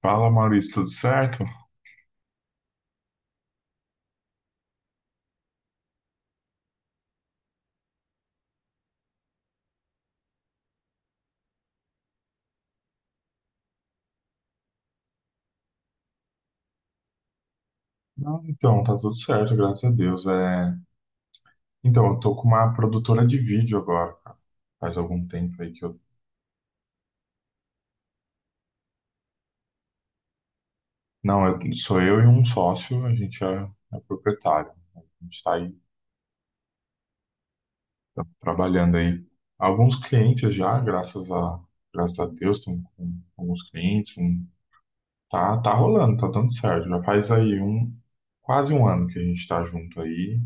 Fala, Maurício, tudo certo? Não, então, tá tudo certo, graças a Deus. Então, eu tô com uma produtora de vídeo agora, cara. Faz algum tempo aí que eu. Não, sou eu e um sócio, é proprietário. A gente tá aí tá trabalhando aí. Alguns clientes já, graças a Deus, estamos com alguns clientes. Tá, tá rolando, tá dando certo. Já faz aí quase um ano que a gente tá junto aí.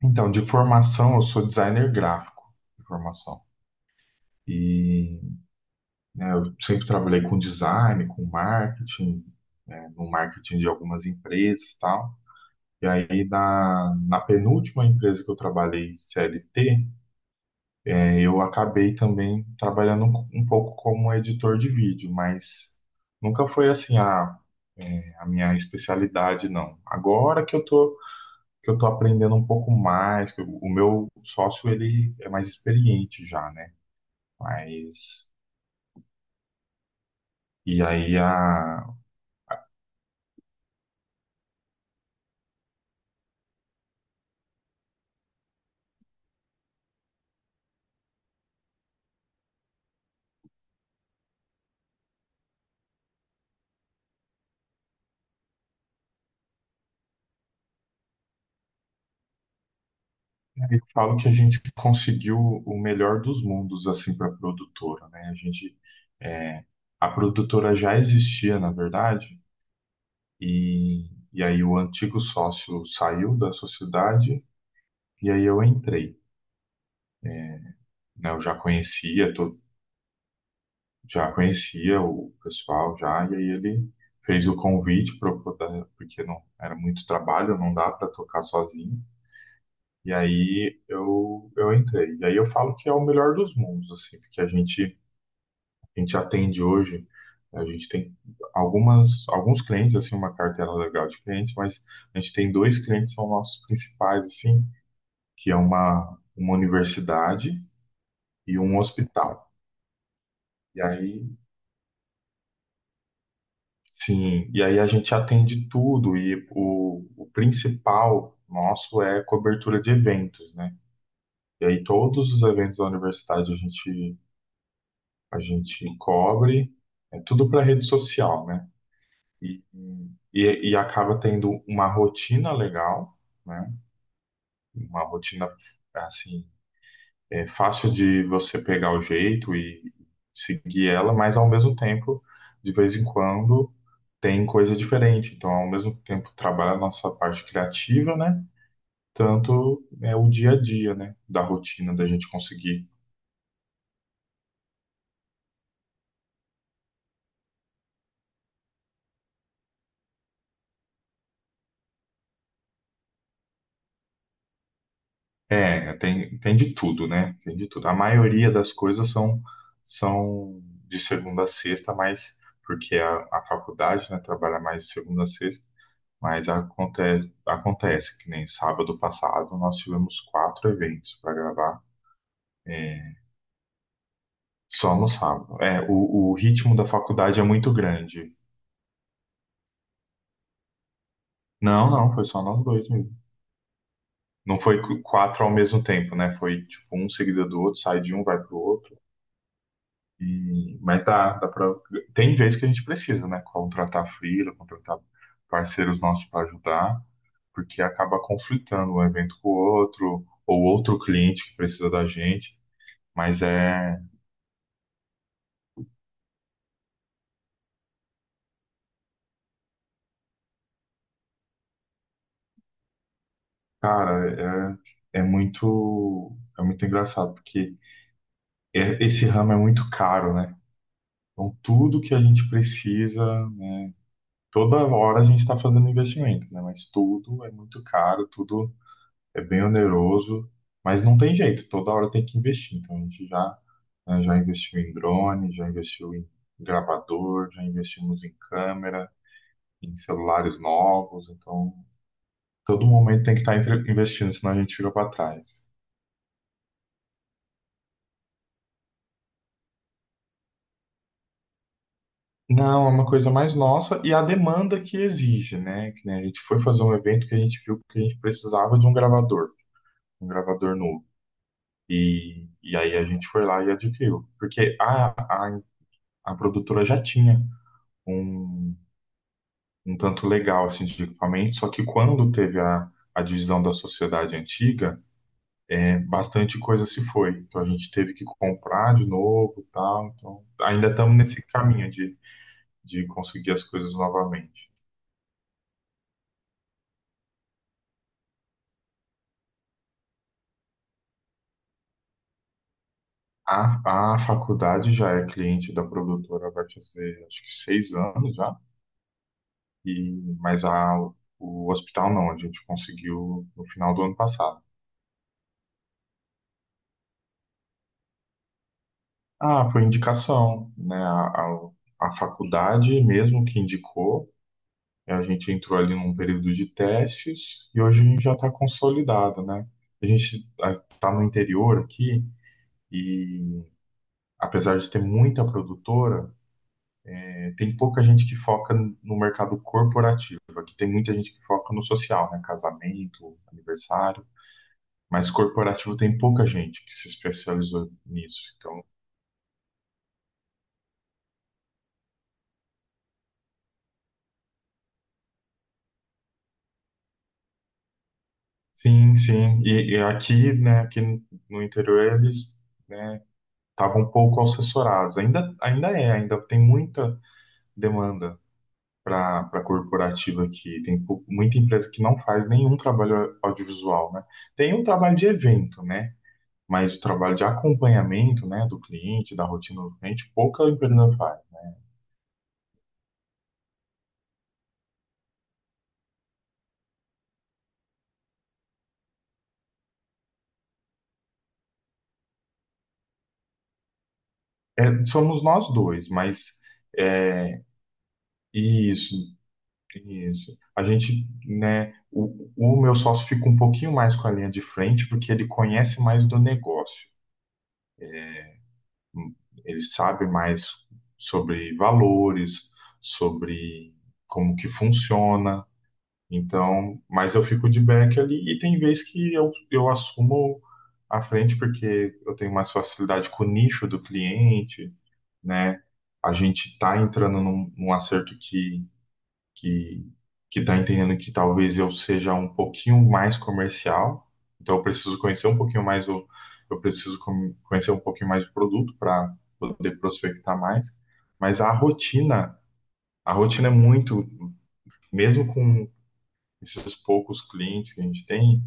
Então, de formação, eu sou designer gráfico de formação. E né? Eu sempre trabalhei com design, com marketing, né, no marketing de algumas empresas e tal. E aí, na penúltima empresa que eu trabalhei, CLT, eu acabei também trabalhando um pouco como editor de vídeo, mas nunca foi assim a minha especialidade, não. Agora que eu tô aprendendo um pouco mais, o meu sócio, ele é mais experiente já, né? Mas... E aí, a, Eu falo que a gente conseguiu o melhor dos mundos assim para a produtora, né? É, a produtora já existia, na verdade, e, e aí o antigo sócio saiu da sociedade e aí eu entrei, né? Eu já conhecia, já conhecia o pessoal já e aí ele fez o convite para porque não era muito trabalho, não dá para tocar sozinho. E aí eu entrei. E aí eu falo que é o melhor dos mundos, assim, porque a gente atende hoje, a gente tem alguns clientes, assim, uma carteira legal de clientes, mas a gente tem dois clientes que são nossos principais, assim, que é uma universidade e um hospital. E aí, sim, e aí a gente atende tudo, e o principal nosso é cobertura de eventos, né? E aí todos os eventos da universidade a gente cobre, é tudo para rede social, né? E, e acaba tendo uma rotina legal, né? Uma rotina, assim, é fácil de você pegar o jeito e seguir ela, mas ao mesmo tempo, de vez em quando, tem coisa diferente. Então, ao mesmo tempo, trabalha a nossa parte criativa, né? Tanto é o dia a dia, né? Da rotina, da gente conseguir. É, tem de tudo, né? Tem de tudo. A maioria das coisas são de segunda a sexta, mas porque a faculdade, né, trabalha mais de segunda a sexta, mas acontece que nem sábado passado nós tivemos quatro eventos para gravar, é, só no sábado. É, o ritmo da faculdade é muito grande. Não, não, foi só nós dois mesmo. Não foi quatro ao mesmo tempo, né? Foi tipo um seguido do outro, sai de um, vai pro outro. E, mas dá pra, tem vez que a gente precisa, né? Contratar freela, contratar parceiros nossos para ajudar, porque acaba conflitando um evento com o outro, ou outro cliente que precisa da gente. Mas é, cara, é muito engraçado, porque esse ramo é muito caro, né? Então, tudo que a gente precisa, toda hora a gente está fazendo investimento, né? Mas tudo é muito caro, tudo é bem oneroso, mas não tem jeito, toda hora tem que investir. Então a gente já, né, já investiu em drone, já investiu em gravador, já investimos em câmera, em celulares novos. Então todo momento tem que estar investindo, senão a gente fica para trás. Não, é uma coisa mais nossa e a demanda que exige, né? Que nem a gente foi fazer um evento que a gente viu que a gente precisava de um gravador novo. E aí a gente foi lá e adquiriu, porque a, a produtora já tinha um um tanto legal assim, de equipamento, só que quando teve a divisão da sociedade antiga, né, bastante coisa se foi. Então a gente teve que comprar de novo e tal. Então ainda estamos nesse caminho de conseguir as coisas novamente. A faculdade já é cliente da produtora, vai fazer acho que seis anos já, e, mas o hospital não, a gente conseguiu no final do ano passado. Ah, foi indicação, né? A faculdade mesmo que indicou. É, a gente entrou ali num período de testes e hoje a gente já está consolidado, né? A gente está no interior aqui e, apesar de ter muita produtora, tem pouca gente que foca no mercado corporativo. Aqui tem muita gente que foca no social, né? Casamento, aniversário. Mas corporativo tem pouca gente que se especializou nisso. Então, sim, sim. E aqui, né? Aqui no interior eles, né? Estavam um pouco assessorados. Ainda é, ainda tem muita demanda para a corporativa que tem muita empresa que não faz nenhum trabalho audiovisual, né? Tem um trabalho de evento, né? Mas o trabalho de acompanhamento, né, do cliente, da rotina do cliente, pouca empresa faz. É, somos nós dois, mas é, isso, isso. A gente, né, o meu sócio fica um pouquinho mais com a linha de frente porque ele conhece mais do negócio. Ele sabe mais sobre valores, sobre como que funciona. Então, mas eu fico de back ali e tem vez que eu assumo à frente porque eu tenho mais facilidade com o nicho do cliente, né? A gente está entrando num, num acerto que que está entendendo que talvez eu seja um pouquinho mais comercial, então eu preciso conhecer um pouquinho mais o, eu preciso conhecer um pouquinho mais o produto para poder prospectar mais, mas a rotina é muito, mesmo com esses poucos clientes que a gente tem,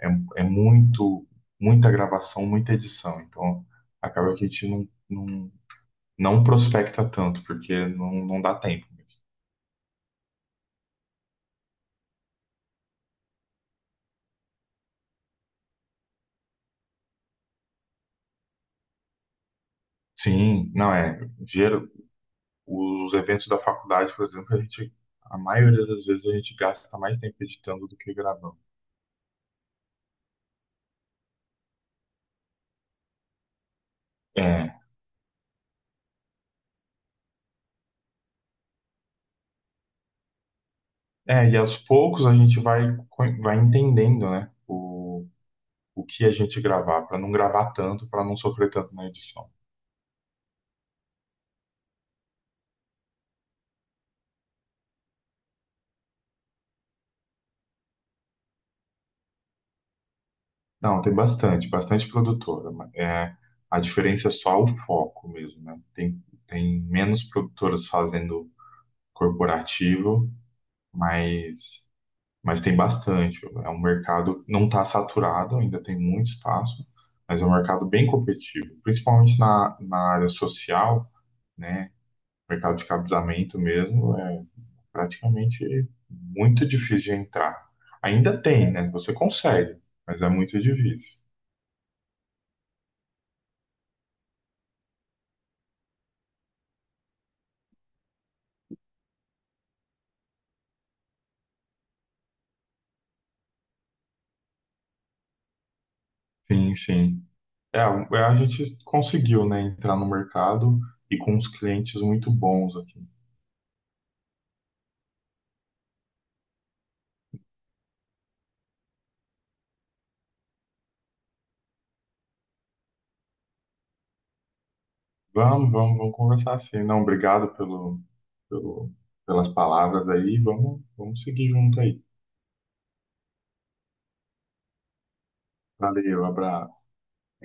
é, é muito, muita gravação, muita edição, então acaba que a gente não, não, não prospecta tanto, porque não, não dá tempo. Sim, não é. Os eventos da faculdade, por exemplo, a maioria das vezes a gente gasta mais tempo editando do que gravando. É, é, e aos poucos a gente vai, vai entendendo, né, o que a gente gravar, para não gravar tanto, para não sofrer tanto na edição. Não, tem bastante, bastante produtora. Mas, é, a diferença é só o foco mesmo, né? Tem, tem menos produtoras fazendo corporativo, mas mas tem bastante. É um mercado não está saturado, ainda tem muito espaço, mas é um mercado bem competitivo, principalmente na área social, né? Mercado de cabesamento mesmo é praticamente muito difícil de entrar. Ainda tem, né? Você consegue, mas é muito difícil. Sim, sim. É, a gente conseguiu, né, entrar no mercado e com uns clientes muito bons aqui. Vamos conversar assim. Não, obrigado pelo, pelas palavras aí. Vamos seguir junto aí. Valeu, abraço.